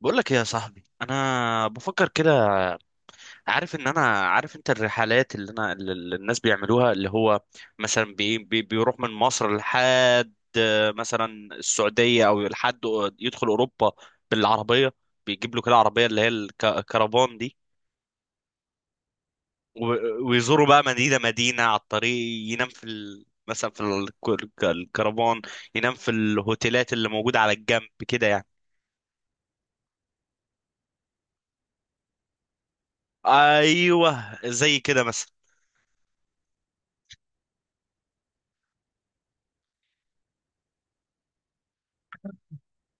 بقول لك إيه يا صاحبي، انا بفكر كده. عارف ان انا، عارف انت الرحلات اللي الناس بيعملوها، اللي هو مثلا بي بي بيروح من مصر لحد، مثلا السعودية، او لحد يدخل اوروبا بالعربية، بيجيب له كده عربية اللي هي الكرفان دي. ويزوروا بقى مدينة مدينة على الطريق، ينام في مثلا في الكرفان، ينام في الهوتيلات اللي موجودة على الجنب كده يعني. ايوه زي كده مثلا.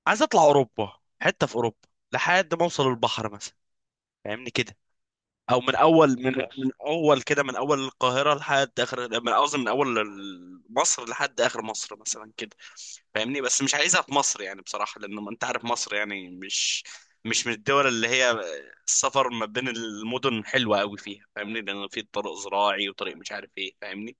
عايز اطلع اوروبا، حته في اوروبا لحد ما اوصل البحر مثلا، فاهمني كده. او من اول من اول كده، من اول القاهره لحد اخر، من قصدي من اول مصر لحد اخر مصر مثلا كده. فاهمني؟ بس مش عايزها في مصر يعني بصراحه، لان ما انت عارف مصر يعني مش من الدول اللي هي السفر ما بين المدن حلوه قوي فيها، فاهمني، لان في طريق زراعي وطريق مش عارف ايه، فاهمني.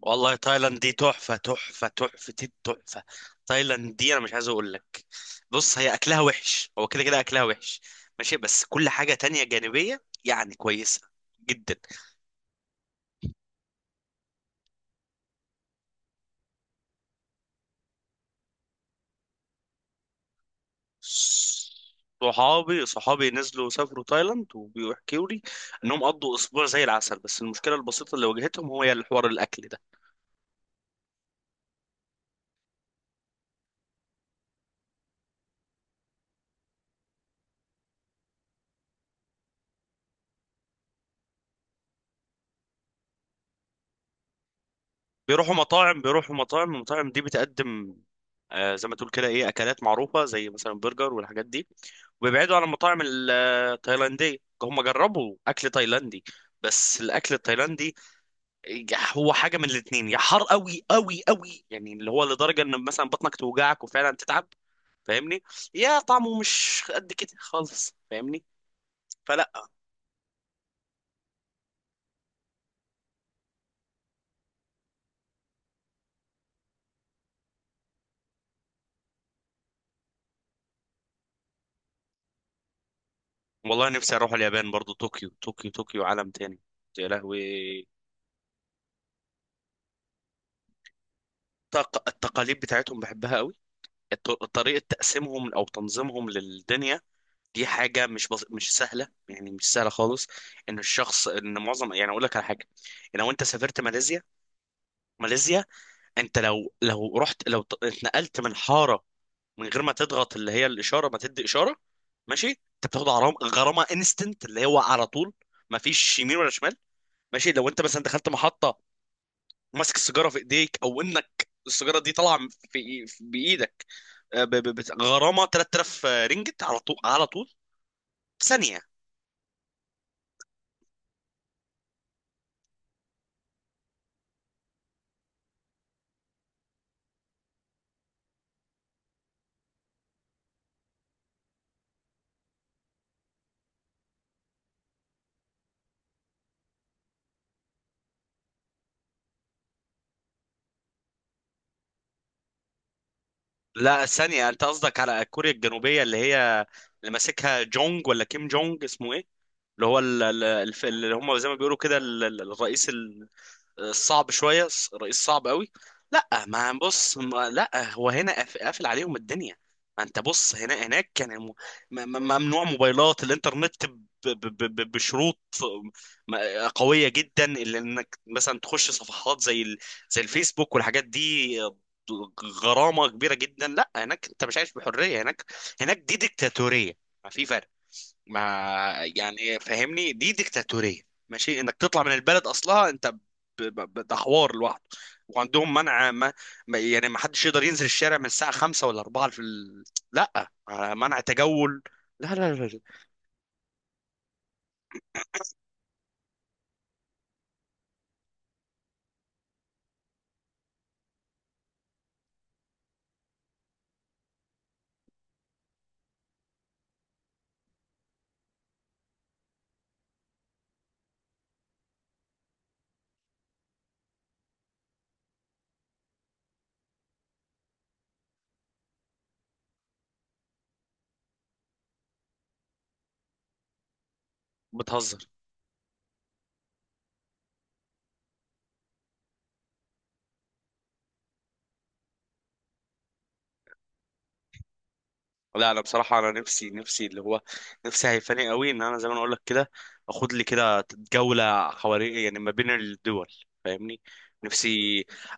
والله تايلاند دي تحفة، تحفة، تحفة التحفة. تايلاند دي أنا مش عايز أقول لك. بص، هي أكلها وحش، هو كده كده أكلها وحش، ماشي، بس كل حاجة تانية جانبية يعني كويسة جدا. صحابي نزلوا سافروا تايلاند وبيحكوا لي إنهم قضوا أسبوع زي العسل، بس المشكلة البسيطة اللي واجهتهم هو الحوار الأكل. بيروحوا مطاعم. المطاعم دي بتقدم زي ما تقول كده ايه، اكلات معروفه زي مثلا برجر والحاجات دي، وبيبعدوا عن المطاعم التايلانديه. هم جربوا اكل تايلاندي، بس الاكل التايلاندي هو حاجه من الاتنين: يا حار قوي قوي قوي، يعني اللي هو لدرجه ان مثلا بطنك توجعك وفعلا تتعب، فاهمني، يا طعمه مش قد كده خالص، فاهمني، فلا. والله نفسي اروح اليابان برضو، طوكيو طوكيو طوكيو عالم تاني، يا لهوي. التقاليد بتاعتهم بحبها قوي. طريقة تقسيمهم أو تنظيمهم للدنيا دي حاجة مش بس مش سهلة، يعني مش سهلة خالص. إن الشخص إن معظم، يعني أقول لك على حاجة: لو أنت سافرت ماليزيا، ماليزيا، أنت لو رحت، لو اتنقلت من حارة من غير ما تضغط اللي هي الإشارة، ما تدي إشارة، ماشي، أنت بتاخد غرامة، غرامة انستنت اللي هو على طول، ما فيش يمين ولا شمال. ماشي، لو أنت مثلا دخلت محطة ماسك السيجارة في إيديك، أو إنك السيجارة دي طالعة في بإيدك، غرامه 3000 رينجت على طول، على طول، ثانيه. لا، ثانيه، انت قصدك على كوريا الجنوبيه اللي هي اللي ماسكها جونج، ولا كيم جونج اسمه ايه، اللي هو اللي هم زي ما بيقولوا كده الرئيس، صعب شويه، رئيس صعب قوي. لا، ما بص، ما لا، هو هنا قافل عليهم الدنيا. ما انت بص، هنا هناك كان ممنوع موبايلات الانترنت بشروط قويه جدا، اللي انك مثلا تخش صفحات زي زي الفيسبوك والحاجات دي غرامه كبيره جدا. لا، هناك انت مش عايش بحريه، هناك هناك دي ديكتاتوريه، ما في فرق. ما يعني فاهمني، دي ديكتاتورية. ماشي، انك تطلع من البلد اصلها انت ده حوار لوحده. وعندهم منع، ما... ما يعني ما حدش يقدر ينزل الشارع من الساعة 5 ولا 4 في لا، منع تجول. لا لا لا لا. بتهزر؟ لا انا بصراحه انا نفسي اللي هو نفسي، هيفاني قوي ان انا زي ما انا اقول لك كده، اخد لي كده جوله حوالي، يعني ما بين الدول، فاهمني. نفسي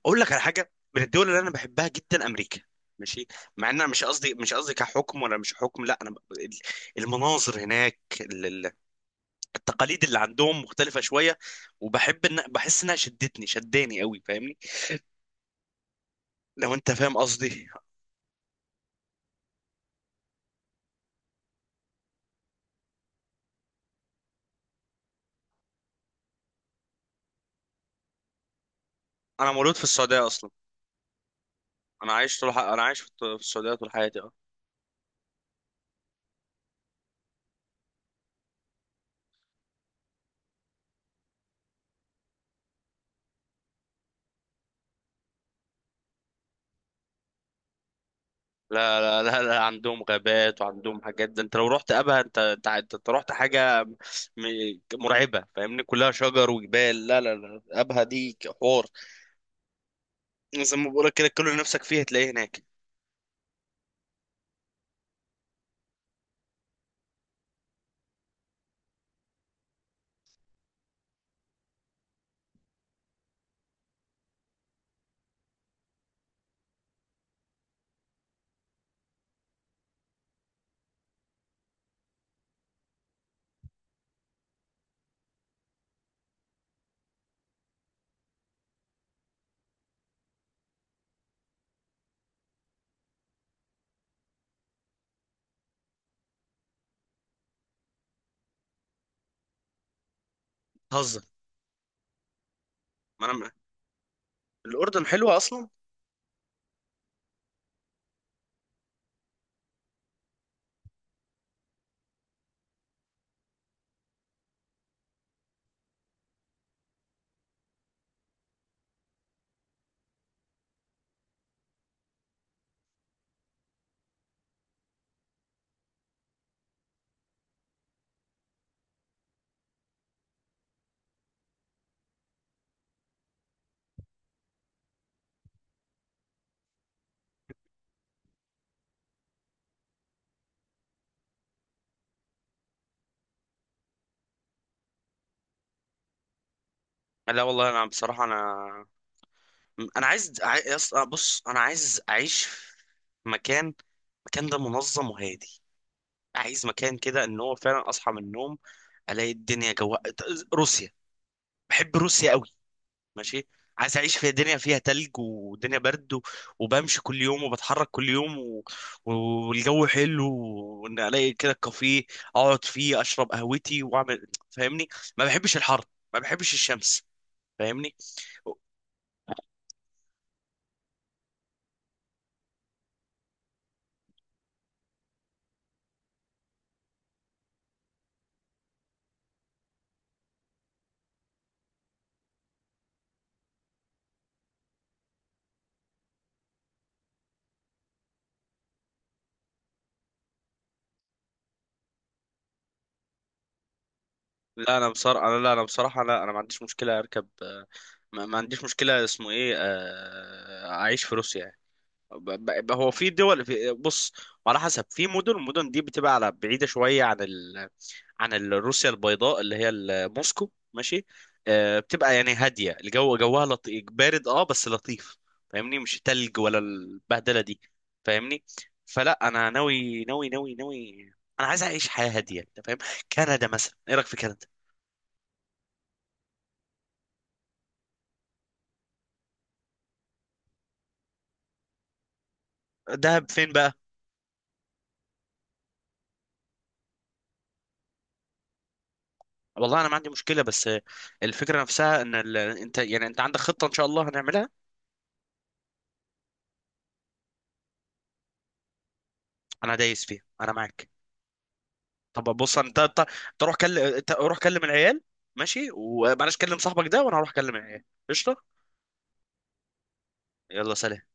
اقول لك على حاجه، من الدول اللي انا بحبها جدا امريكا، ماشي، مع ان انا مش قصدي كحكم ولا مش حكم، لا انا المناظر هناك، التقاليد اللي عندهم مختلفه شويه، وبحب ان بحس انها شدتني، شداني قوي، فاهمني، لو انت فاهم قصدي. انا مولود في السعوديه اصلا. انا عايش في في السعوديه طول حياتي. لا لا لا, لا، عندهم غابات وعندهم حاجات. ده انت لو رحت ابها، انت انت انت أنت رحت حاجه مرعبه، فاهمني، كلها شجر وجبال. لا لا لا، ابها دي حوار، زي ما بقولك كده كل اللي نفسك فيه هتلاقيه هناك. هزر. ما انا، الاردن حلوه اصلا. لا والله انا بصراحه، انا انا عايز بص، انا عايز اعيش في مكان، مكان ده منظم وهادي. عايز مكان كده ان هو فعلا اصحى من النوم، الاقي الدنيا جو. روسيا، بحب روسيا قوي. ماشي، عايز اعيش في دنيا فيها تلج ودنيا برد، وبمشي كل يوم وبتحرك كل يوم و- والجو حلو، وان الاقي كده كافيه اقعد فيه اشرب قهوتي واعمل، فاهمني. ما بحبش الحر، ما بحبش الشمس، فاهمني. لا انا بصراحه انا، لا انا بصراحه، لا انا ما عنديش مشكله اركب، ما عنديش مشكله، اسمه ايه، اعيش في روسيا يعني. هو في دول، في، بص، وعلى حسب في مدن، المدن دي بتبقى على بعيده شويه عن عن روسيا البيضاء اللي هي موسكو، ماشي، بتبقى يعني هاديه، الجو جوها لطيف بارد، بس لطيف، فاهمني، مش تلج ولا البهدله دي، فاهمني. فلا، انا ناوي ناوي ناوي ناوي. انا عايز اعيش حياه هاديه، انت فاهم؟ كندا مثلا، ايه رايك في كندا؟ دهب فين بقى؟ والله انا ما عندي مشكله، بس الفكره نفسها ان انت يعني انت عندك خطه ان شاء الله هنعملها. انا دايس فيها، انا معاك. طب بص، انت روح كلم، انت روح كلم العيال، ماشي، ومعلش كلم صاحبك ده، وانا هروح اكلم العيال. قشطه. يلا سلام.